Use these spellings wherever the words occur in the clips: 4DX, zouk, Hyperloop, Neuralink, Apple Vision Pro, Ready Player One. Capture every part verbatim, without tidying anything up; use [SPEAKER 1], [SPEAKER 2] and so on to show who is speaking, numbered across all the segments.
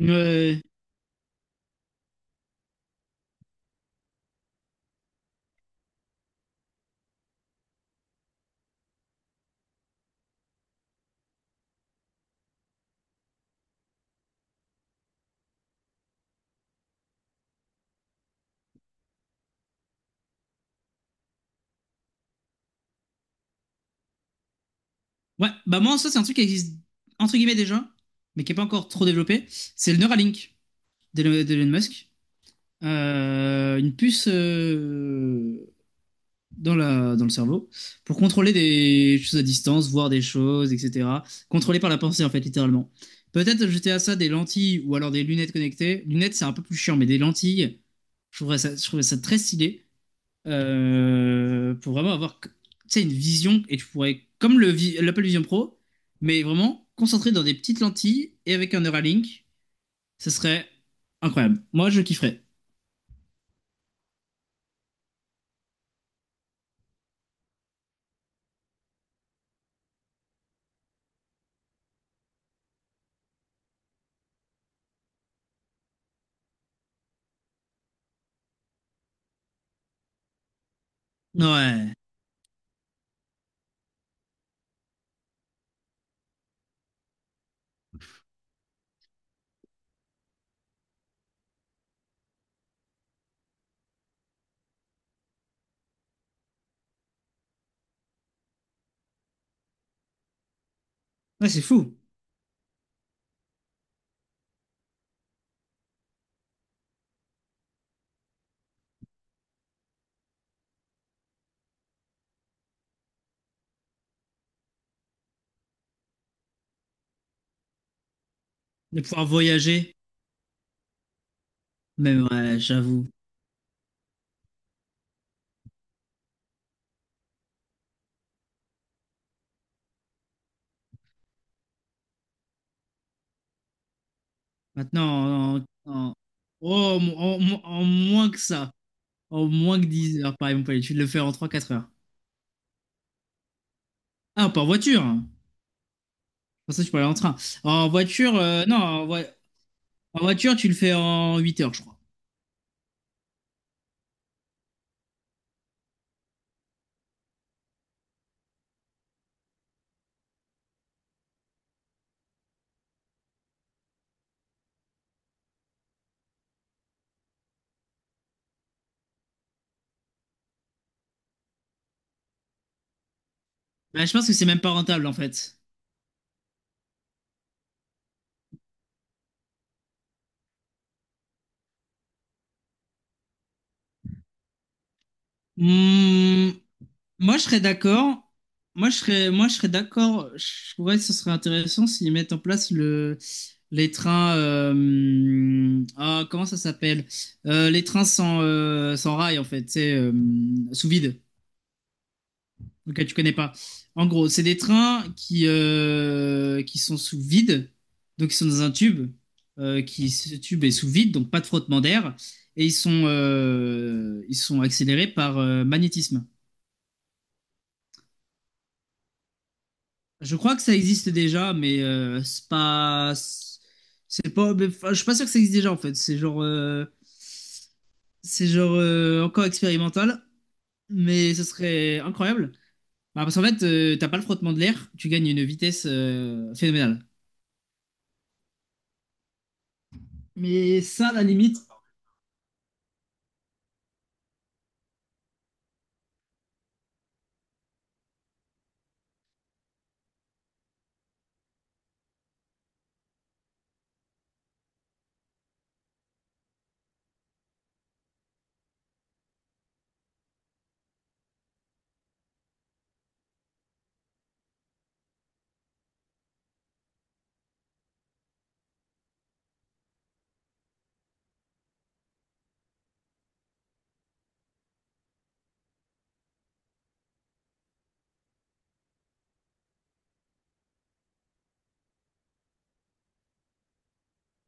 [SPEAKER 1] Ouais. Ouais, bah moi, ça, c'est un truc qui existe, entre guillemets, déjà, mais qui n'est pas encore trop développé. C'est le Neuralink d'Elon d'Elon Musk. Euh, une puce euh, dans la, dans le cerveau pour contrôler des choses à distance, voir des choses, et cetera. Contrôlé par la pensée, en fait, littéralement. Peut-être jeter à ça des lentilles ou alors des lunettes connectées. Lunettes, c'est un peu plus chiant, mais des lentilles, je trouverais ça, je trouverais ça très stylé. Euh, pour vraiment avoir tu sais, une vision et tu pourrais, comme le vi- l'Apple Vision Pro, mais vraiment concentré dans des petites lentilles et avec un Neuralink, ce serait incroyable. Moi, je kifferais. Ouais, ouais, c'est fou de pouvoir voyager. Mais ouais, j'avoue. Maintenant, en, en- oh, en- en- en moins que ça, en moins que dix heures, par exemple, tu de le faire en trois quatre heures. Ah, pas en voiture, hein. Pour ça, tu peux aller en train. En voiture, euh, non, en, voi- en voiture, tu le fais en huit heures, je crois. Bah, je pense que c'est même pas rentable en fait. Hmm, moi je serais d'accord. Moi je serais, moi je serais d'accord. Je trouverais que ce serait intéressant s'ils mettent en place le, les trains. Euh, ah, comment ça s'appelle? Euh, les trains sans, euh, sans rail en fait, c'est sous vide. Ok, tu connais pas. En gros, c'est des trains qui, euh, qui sont sous vide, donc ils sont dans un tube, euh, qui, ce tube est sous vide, donc pas de frottement d'air, et ils sont, euh, ils sont accélérés par euh, magnétisme. Je crois que ça existe déjà, mais euh, c'est pas, c'est pas, mais, enfin, je suis pas sûr que ça existe déjà en fait. C'est genre, euh, c'est genre euh, encore expérimental, mais ce serait incroyable. Bah, parce qu'en fait, euh, t'as pas le frottement de l'air, tu gagnes une vitesse euh, phénoménale. Mais ça, à la limite.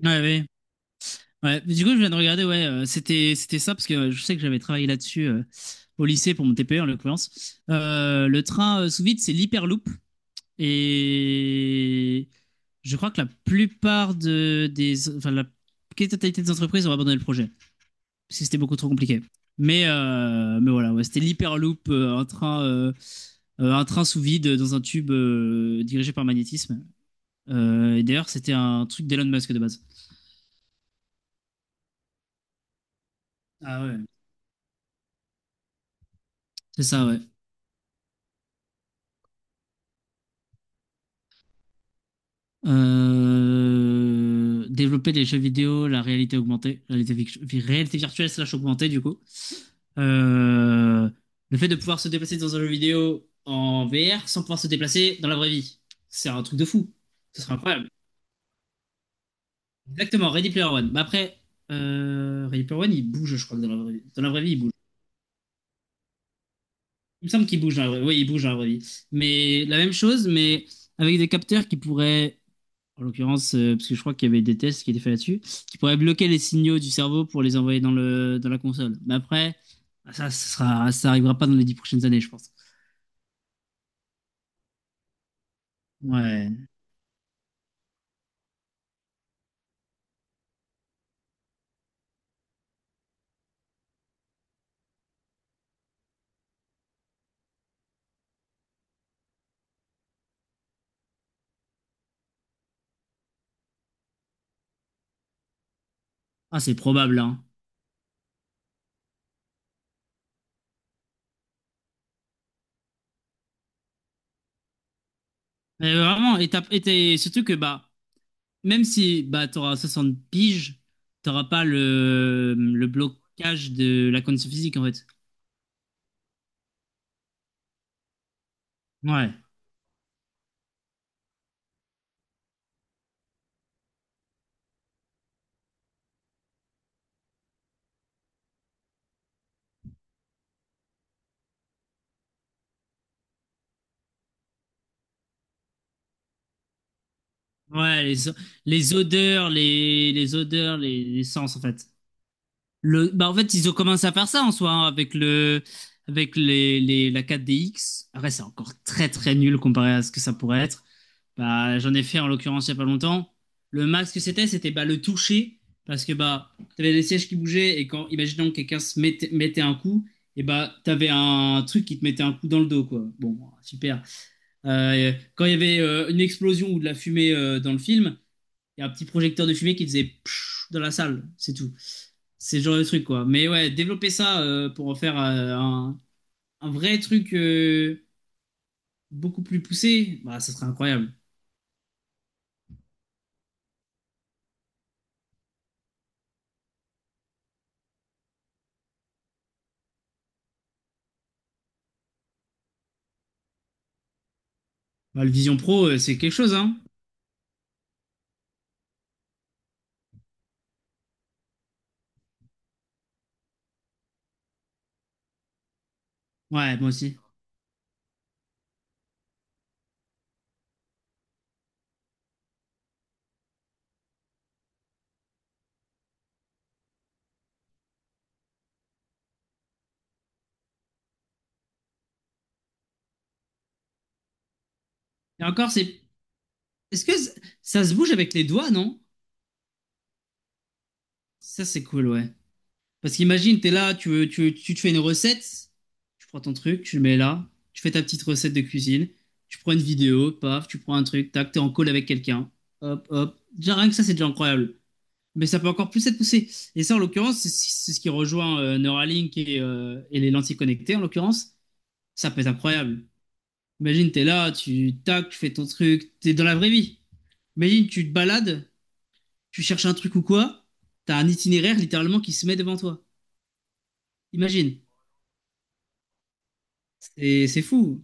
[SPEAKER 1] Ouais, ouais. Ouais. Mais du coup, je viens de regarder, ouais, euh, c'était c'était ça, parce que euh, je sais que j'avais travaillé là-dessus euh, au lycée pour mon T P E, en l'occurrence. Euh, le train euh, sous vide, c'est l'hyperloop. Et je crois que la plupart de, des... Enfin, la quasi-totalité des entreprises ont abandonné le projet, parce que c'était beaucoup trop compliqué. Mais, euh, mais voilà, ouais, c'était l'hyperloop, euh, un train, euh, euh, un train sous vide dans un tube euh, dirigé par magnétisme. Euh, et d'ailleurs, c'était un truc d'Elon Musk de base. Ah ouais, c'est ça, ouais. Euh, développer les jeux vidéo, la réalité augmentée, réalité, vic- vi- réalité virtuelle slash augmentée, du coup. Euh, le fait de pouvoir se déplacer dans un jeu vidéo en V R sans pouvoir se déplacer dans la vraie vie. C'est un truc de fou. Ce serait incroyable. Exactement, Ready Player One. Mais après, euh, Ready Player One, il bouge, je crois, que dans la vraie vie. Dans la vraie vie, il bouge. Il me semble qu'il bouge dans la vraie... Oui, il bouge dans la vraie vie. Mais la même chose, mais avec des capteurs qui pourraient en l'occurrence, euh, parce que je crois qu'il y avait des tests qui étaient faits là-dessus, qui pourraient bloquer les signaux du cerveau pour les envoyer dans le, dans la console. Mais après, ça, ça sera, ça arrivera pas dans les dix prochaines années, je pense. Ouais. Ah, c'est probable, hein. Mais vraiment, et t'as- et t'es- surtout que, bah, même si, bah, t'auras soixante piges, t'auras pas le, le blocage de la condition physique, en fait. Ouais. Ouais, les, les odeurs, les, les odeurs, les, les sens, en fait. Le, bah en fait, ils ont commencé à faire ça en soi hein, avec le, avec les, les, la quatre D X. Après, c'est encore très très nul comparé à ce que ça pourrait être. Bah, j'en ai fait en l'occurrence il y a pas longtemps. Le max que c'était, c'était bah, le toucher parce que bah t'avais des sièges qui bougeaient et quand imaginons que quelqu'un se mettait, mettait un coup, et bah t'avais un truc qui te mettait un coup dans le dos quoi. Bon, super. Euh, quand il y avait euh, une explosion ou de la fumée euh, dans le film, il y a un petit projecteur de fumée qui faisait pshh dans la salle, c'est tout. C'est ce genre de truc, quoi. Mais ouais, développer ça euh, pour en faire euh, un, un vrai truc euh, beaucoup plus poussé, bah, ça serait incroyable. Bah, le Vision Pro, euh, c'est quelque chose, hein. Ouais, moi aussi. Et encore, c'est. Est-ce que c- ça se bouge avec les doigts, non? Ça, c'est cool, ouais. Parce qu'imagine, t'es là, tu, veux- tu, tu te fais une recette, tu prends ton truc, tu le mets là, tu fais ta petite recette de cuisine, tu prends une vidéo, paf, tu prends un truc, tac, t'es en call avec quelqu'un, hop, hop. Déjà, rien que ça, c'est déjà incroyable. Mais ça peut encore plus être poussé. Et ça, en l'occurrence, c'est c'est ce qui rejoint euh, Neuralink et, euh, et les lentilles connectées, en l'occurrence. Ça peut être incroyable. Imagine, t'es là, tu tac, tu fais ton truc, t'es dans la vraie vie. Imagine, tu te balades, tu cherches un truc ou quoi, t'as un itinéraire littéralement qui se met devant toi. Imagine. C'est c'est fou.